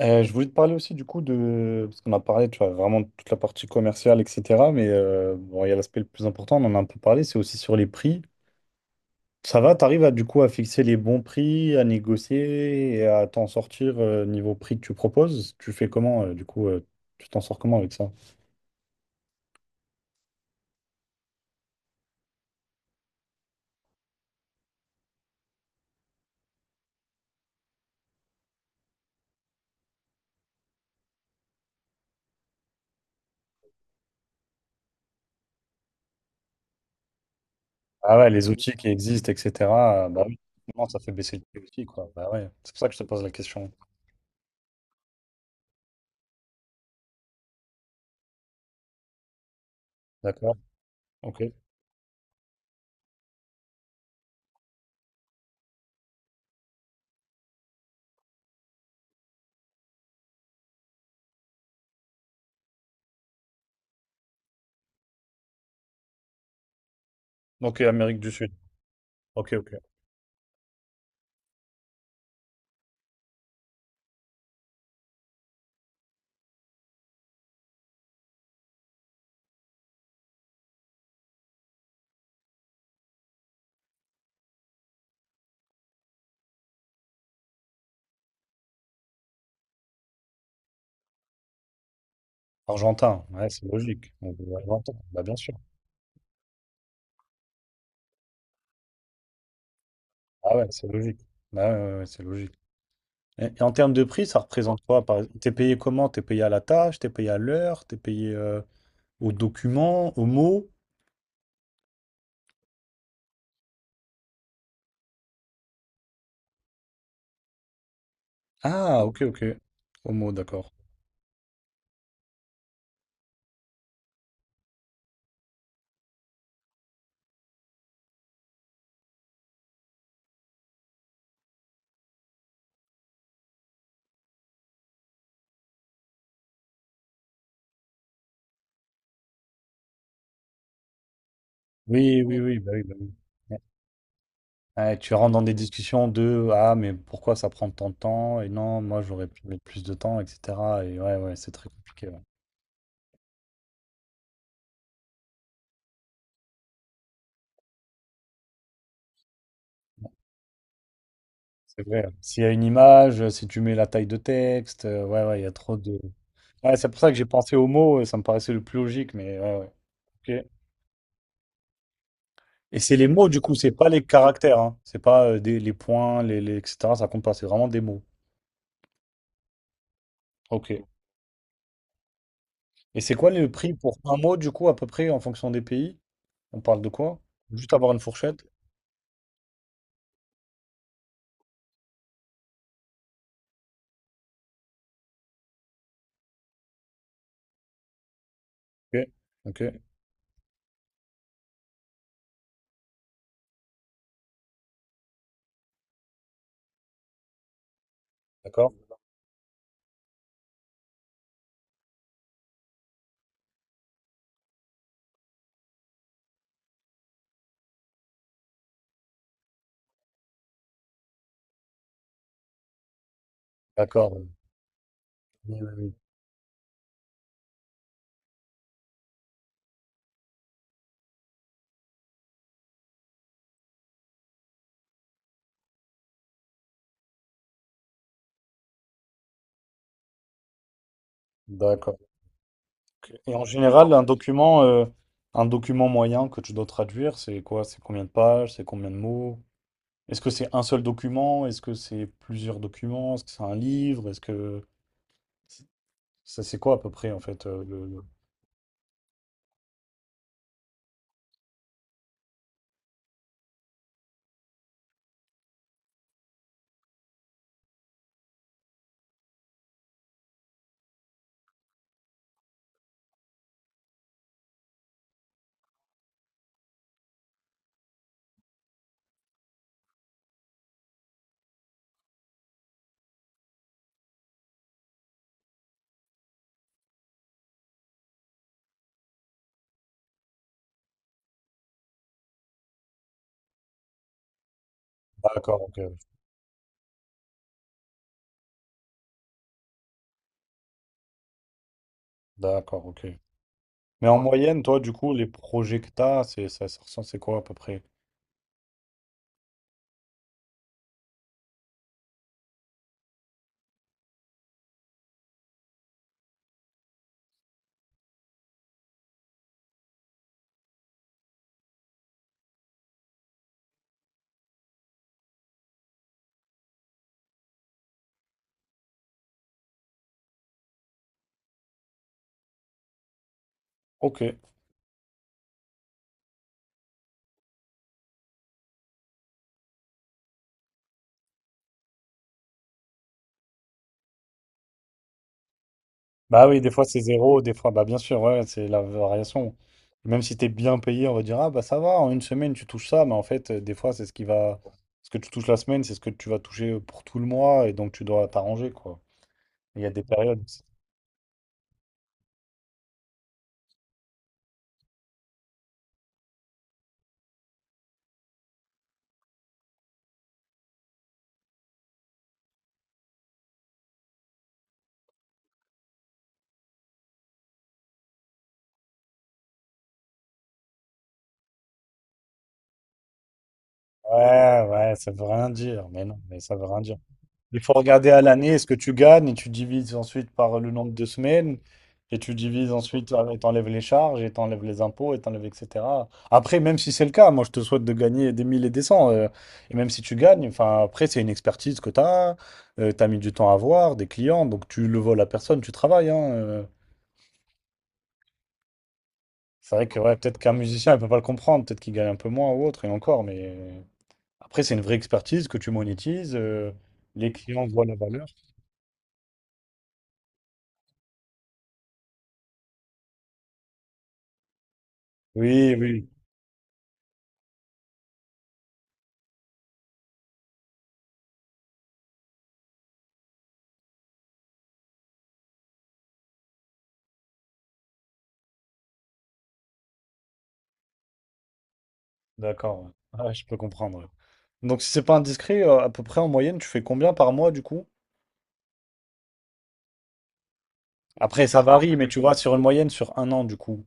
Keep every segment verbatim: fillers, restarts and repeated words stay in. Euh, je voulais te parler aussi du coup de... Parce qu'on a parlé, tu vois, vraiment de toute la partie commerciale, et cetera. Mais euh, bon, il y a l'aspect le plus important, on en a un peu parlé, c'est aussi sur les prix. Ça va, t'arrives à du coup à fixer les bons prix, à négocier et à t'en sortir euh, niveau prix que tu proposes. Tu fais comment euh, du coup euh, tu t'en sors comment avec ça? Ah ouais, les outils qui existent, et cetera euh, Bah oui, forcément, ça fait baisser le prix aussi, quoi. Bah ouais, c'est pour ça que je te pose la question. D'accord, ok. Donc, et Amérique du Sud. Ok, ok. Argentin, ouais, c'est logique. Donc, Argentin, bah bien sûr. Ah ouais, c'est logique. Bah ouais, ouais, ouais, c'est logique. Et, et en termes de prix, ça représente quoi, par exemple? T'es payé comment? T'es payé à la tâche, t'es payé à l'heure, t'es payé euh, au document, au mot? Ah, ok, ok. Au mot, d'accord. Oui, oui, oui, bah oui, bah oui. Ouais. Ouais, tu rentres dans des discussions de ah mais pourquoi ça prend tant de temps et non moi j'aurais pu mettre plus de temps etc, et ouais, ouais, c'est très compliqué, ouais. C'est vrai, hein. S'il y a une image, euh, si tu mets la taille de texte, euh, ouais, ouais, il y a trop de ouais, c'est pour ça que j'ai pensé au mot, ça me paraissait le plus logique, mais ouais, ouais. Et c'est les mots, du coup, c'est pas les caractères, hein. C'est pas euh, des, les points, les, les- et cetera. Ça compte pas, c'est vraiment des mots. Ok. Et c'est quoi le prix pour un mot, du coup, à peu près, en fonction des pays? On parle de quoi? Juste avoir une fourchette. Ok. Ok. D'accord. D'accord. Oui, oui, oui. D'accord. Et en général, un document, euh, un document moyen que tu dois traduire, c'est quoi? C'est combien de pages? C'est combien de mots? Est-ce que c'est un seul document? Est-ce que c'est plusieurs documents? Est-ce que c'est un livre? Est-ce que ça c'est quoi à peu près en fait euh, le... le- D'accord, ok. D'accord, ok. Mais en moyenne, toi, du coup, les projets que t'as, c'est ça, ça ressemble- c'est quoi à peu près? Ok. Bah oui, des fois c'est zéro, des fois, bah bien sûr, ouais, c'est la variation. Même si t'es bien payé, on va dire, ah bah ça va, en une semaine tu touches ça, mais en fait, euh, des fois c'est ce qui va, ce que tu touches la semaine, c'est ce que tu vas toucher pour tout le mois, et donc tu dois t'arranger, quoi. Il y a des périodes où c'est- Ouais, ouais, ça veut rien dire, mais non, mais ça veut rien dire. Il faut regarder à l'année ce que tu gagnes et tu divises ensuite par le nombre de semaines et tu divises ensuite euh, et t'enlèves les charges et t'enlèves les impôts et t'enlèves et cetera. Après, même si c'est le cas, moi je te souhaite de gagner des mille et des cents euh, et même si tu gagnes, enfin après c'est une expertise que tu as, tu as mis du temps à avoir, des clients, donc tu le voles à personne, tu travailles, hein, euh. C'est vrai que ouais, peut-être qu'un musicien il peut pas le comprendre, peut-être qu'il gagne un peu moins ou autre et encore, mais euh, après c'est une vraie expertise que tu monétises, euh, les clients voient la valeur. Oui, oui. D'accord, ouais. Ouais, je peux comprendre, ouais. Donc, si c'est pas indiscret, euh, à peu près en moyenne, tu fais combien par mois du coup? Après, ça varie, mais tu vois, sur une moyenne, sur un an du coup.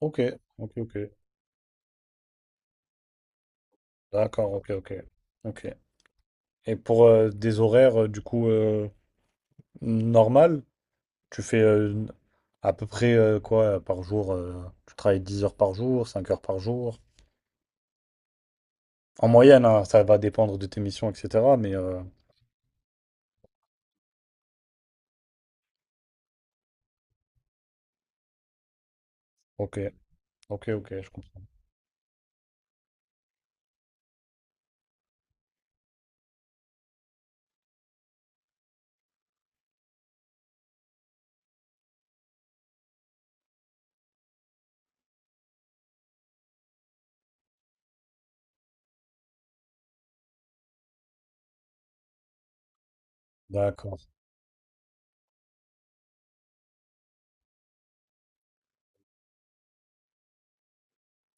Ok, ok, ok. D'accord, ok, ok. Ok. Et pour euh, des horaires, euh, du coup, euh, normal, tu fais euh, à peu près euh, quoi par jour euh, tu travailles dix heures par jour, cinq heures par jour. En moyenne, hein, ça va dépendre de tes missions, et cetera. Mais euh, ok, ok, ok, je comprends. D'accord.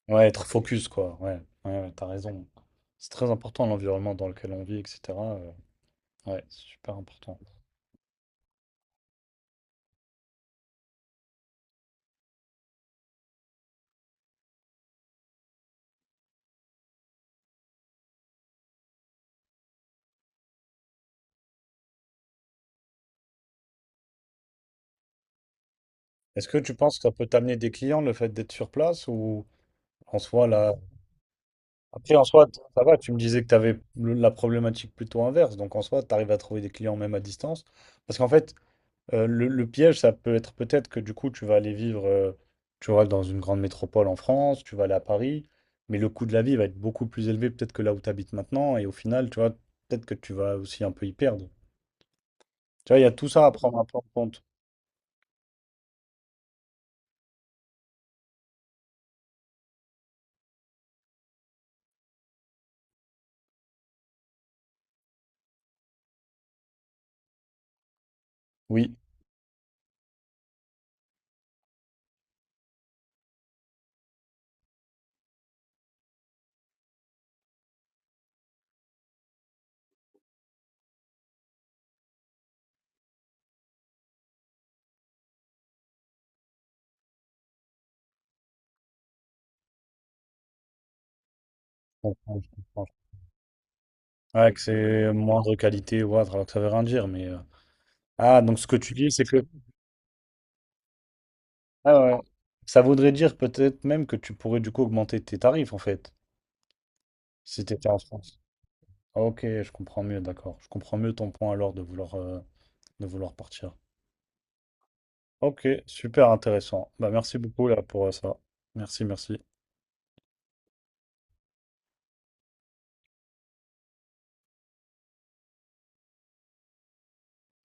Ouais, être focus, quoi. Ouais, ouais, ouais, t'as raison. C'est très important l'environnement dans lequel on vit, et cetera euh, ouais, c'est super important. Est-ce que tu penses que ça peut t'amener des clients, le fait d'être sur place, ou en soi, là, après, en soi, t- ça va, tu me disais que tu avais la problématique plutôt inverse. Donc, en soi, tu arrives à trouver des clients même à distance. Parce qu'en fait, euh, le, le piège, ça peut être peut-être que du coup, tu vas aller vivre, euh, tu vois, dans une grande métropole en France, tu vas aller à Paris, mais le coût de la vie va être beaucoup plus élevé peut-être que là où tu habites maintenant. Et au final, tu vois, peut-être que tu vas aussi un peu y perdre. Tu vois, il y a tout ça à prendre un peu en compte. Oui, je comprends, je comprends. Ouais, que c'est moindre qualité ou autre, alors que ça veut rien dire. Mais... euh, Ah, donc ce que tu dis, c'est que. Ah ouais, ouais. Ça voudrait dire peut-être même que tu pourrais du coup augmenter tes tarifs en fait, si tu étais en France. Ah, Ok, je comprends mieux, d'accord. Je comprends mieux ton point alors de vouloir, euh, de vouloir partir. Ok, super intéressant. Bah, merci beaucoup là pour euh, ça. Merci, merci.